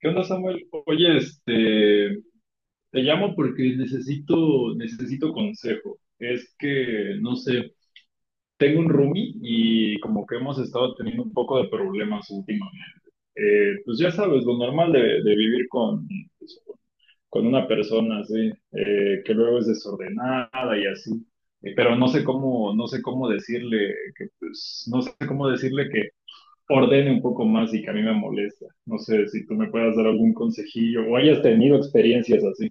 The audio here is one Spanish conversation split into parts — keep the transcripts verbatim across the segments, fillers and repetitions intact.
¿Qué onda, Samuel? Oye, este, te llamo porque necesito, necesito consejo. Es que, no sé, tengo un roomie y como que hemos estado teniendo un poco de problemas últimamente. Eh, pues ya sabes, lo normal de, de vivir con, pues, con una persona así, eh, que luego es desordenada y así. Eh, pero no sé cómo, no sé cómo decirle que, pues, no sé cómo decirle ordene un poco más y que a mí me molesta. No sé si tú me puedas dar algún consejillo o hayas tenido experiencias así.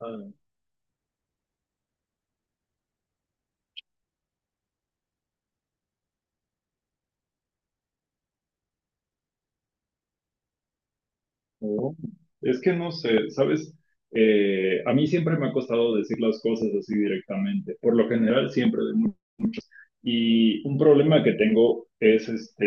Ah, no. Es que no sé, ¿sabes? Eh, a mí siempre me ha costado decir las cosas así directamente. Por lo general, siempre de Y un problema que tengo es este,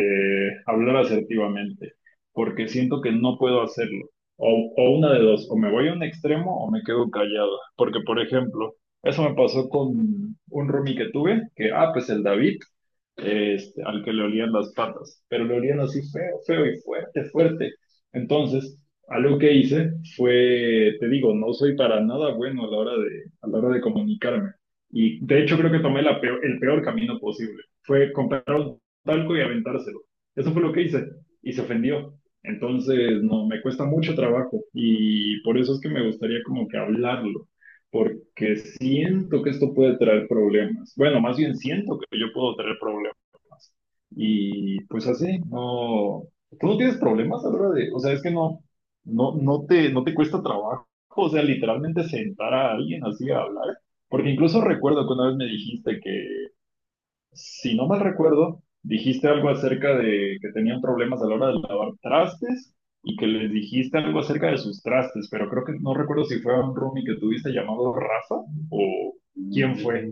hablar asertivamente, porque siento que no puedo hacerlo. O, o una de dos, o me voy a un extremo o me quedo callado. Porque, por ejemplo, eso me pasó con un roomie que tuve, que, ah, pues el David, este, al que le olían las patas, pero le olían así feo, feo y fuerte, fuerte. Entonces, algo que hice fue, te digo, no soy para nada bueno a la hora de, a la hora de comunicarme. Y de hecho creo que tomé la peor- el peor camino posible. Fue comprar un talco y aventárselo. Eso fue lo que hice. Y se ofendió. Entonces, no, me cuesta mucho trabajo. Y por eso es que me gustaría como que hablarlo. Porque siento que esto puede traer problemas. Bueno, más bien siento que yo puedo traer problemas. Y pues así, no. ¿Tú no tienes problemas a la hora de- O sea, es que no, no, no te, no te cuesta trabajo. O sea, literalmente sentar a alguien así a hablar. Porque incluso recuerdo que una vez me dijiste que, si no mal recuerdo, dijiste algo acerca de que tenían problemas a la hora de lavar trastes y que les dijiste algo acerca de sus trastes, pero creo que no recuerdo si fue a un roomie que tuviste llamado Rafa o quién fue.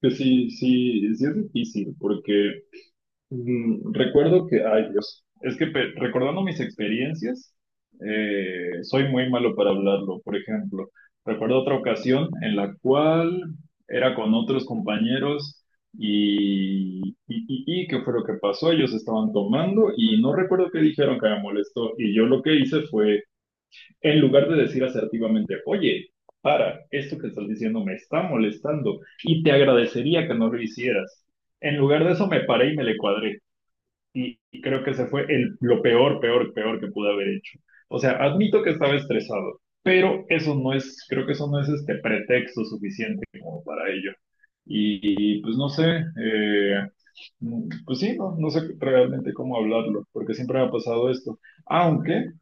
Que sí, sí, sí es difícil, porque mm, recuerdo que, ay Dios, es que pe- recordando mis experiencias, eh, soy muy malo para hablarlo. Por ejemplo, recuerdo otra ocasión en la cual era con otros compañeros y, y, y, y ¿qué fue lo que pasó? Ellos estaban tomando y no recuerdo qué dijeron que me molestó. Y yo lo que hice fue, en lugar de decir asertivamente, oye, para, esto que estás diciendo me está molestando y te agradecería que no lo hicieras. En lugar de eso me paré y me le cuadré y, y creo que se fue el, lo peor, peor, peor que pude haber hecho. O sea, admito que estaba estresado, pero eso no es, creo que eso no es este pretexto suficiente como para ello. Y, y, pues no sé, eh, pues sí, no, no sé realmente cómo hablarlo, porque siempre me ha pasado esto. Aunque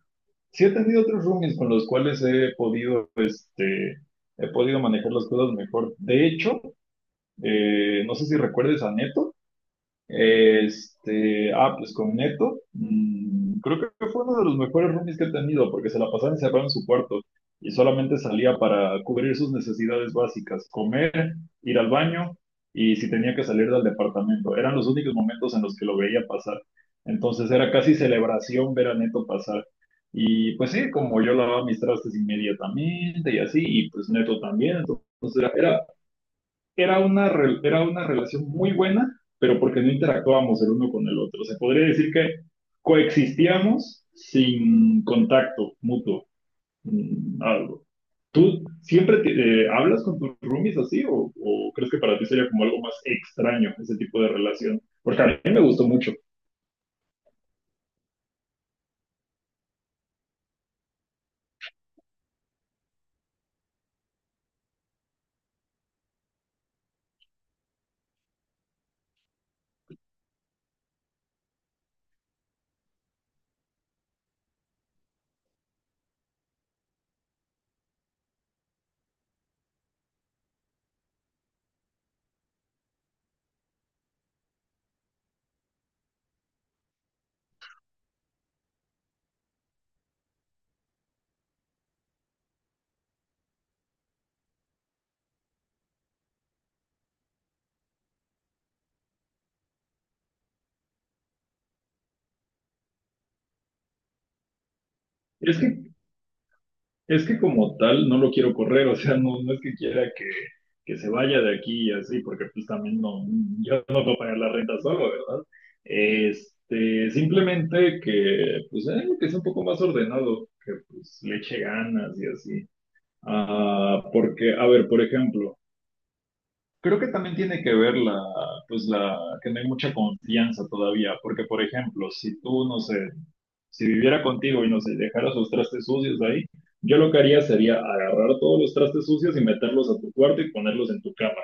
sí he tenido otros roomies con los cuales he podido, este, he podido manejar las cosas mejor. De hecho, eh, no sé si recuerdes a Neto. Este, ah, pues con Neto, mm, creo que fue uno de los mejores roomies que he tenido, porque se la pasaba encerrado en su cuarto y solamente salía para cubrir sus necesidades básicas, comer, ir al baño y si tenía que salir del departamento. Eran los únicos momentos en los que lo veía pasar. Entonces era casi celebración ver a Neto pasar. Y pues sí, como yo lavaba mis trastes inmediatamente y así, y pues Neto también, entonces era, era era una, re- era una relación muy buena, pero porque no interactuábamos el uno con el otro. Se podría decir que coexistíamos sin contacto mutuo, mm, algo. ¿Tú siempre te- eh, ¿hablas con tus roomies así o, o crees que para ti sería como algo más extraño ese tipo de relación? Porque a mí me gustó mucho. Es que Es que como tal no lo quiero correr, o sea, no, no es que quiera que, que se vaya de aquí y así, porque pues también no, yo no puedo pagar la renta solo, ¿verdad? Este, simplemente que, pues, eh, que es un poco más ordenado, que pues le eche ganas y así. Ah, porque, a ver, por ejemplo, creo que también tiene que ver la, pues la, que no hay mucha confianza todavía, porque por ejemplo, si tú, no sé, si viviera contigo y no sé, dejaras los trastes sucios ahí, yo lo que haría sería agarrar todos los trastes sucios y meterlos a tu cuarto y ponerlos en tu cama.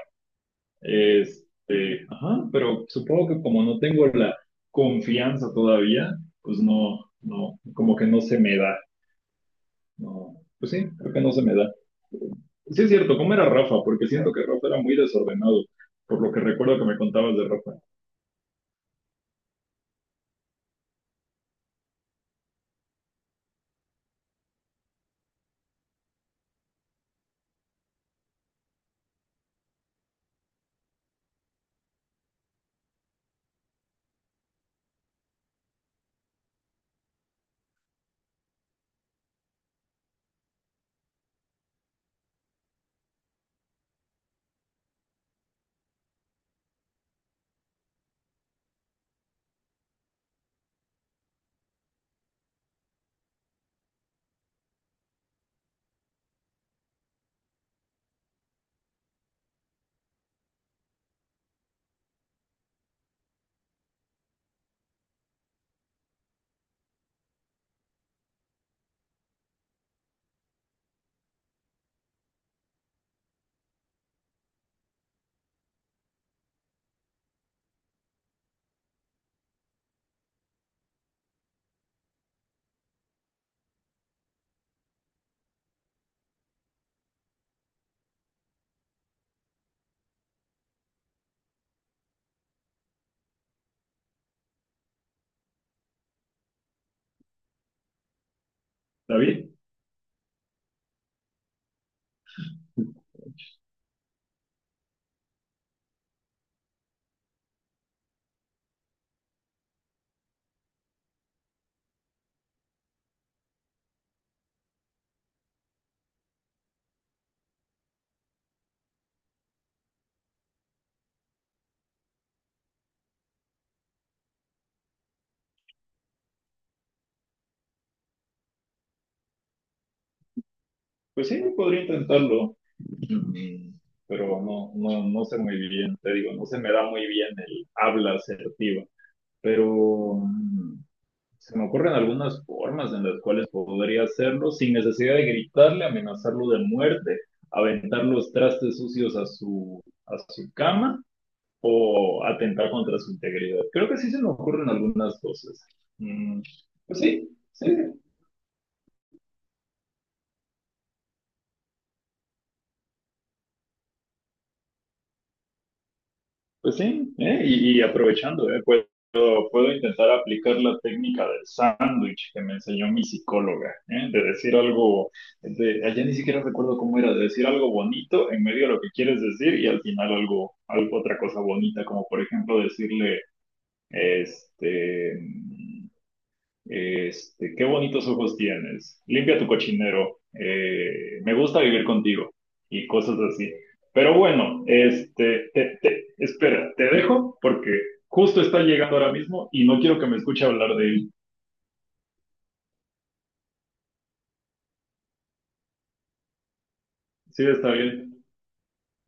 Este, ajá, pero supongo que como no tengo la confianza todavía, pues no, no, como que no se me da. No, pues sí, creo que no se me da. Sí es cierto, ¿cómo era Rafa? Porque siento que Rafa era muy desordenado, por lo que recuerdo que me contabas de Rafa. ¿David? Pues sí, podría intentarlo, mm, pero no, no, no sé muy bien, te digo, no se me da muy bien el habla asertiva, pero mm, se me ocurren algunas formas en las cuales podría hacerlo sin necesidad de gritarle, amenazarlo de muerte, aventar los trastes sucios a su, a su cama o atentar contra su integridad. Creo que sí se me ocurren algunas cosas. Mm, pues sí, sí, pues sí, ¿eh? Y, y aprovechando, ¿eh? Puedo, puedo intentar aplicar la técnica del sándwich que me enseñó mi psicóloga, ¿eh? De decir algo, de, allá ni siquiera recuerdo cómo era, de decir algo bonito en medio de lo que quieres decir y al final algo, algo otra cosa bonita, como por ejemplo decirle, este... Este, qué bonitos ojos tienes. Limpia tu cochinero. Eh, me gusta vivir contigo. Y cosas así. Pero bueno, este, te- te- espera, te dejo porque justo está llegando ahora mismo y no quiero que me escuche hablar de él. Sí, está bien.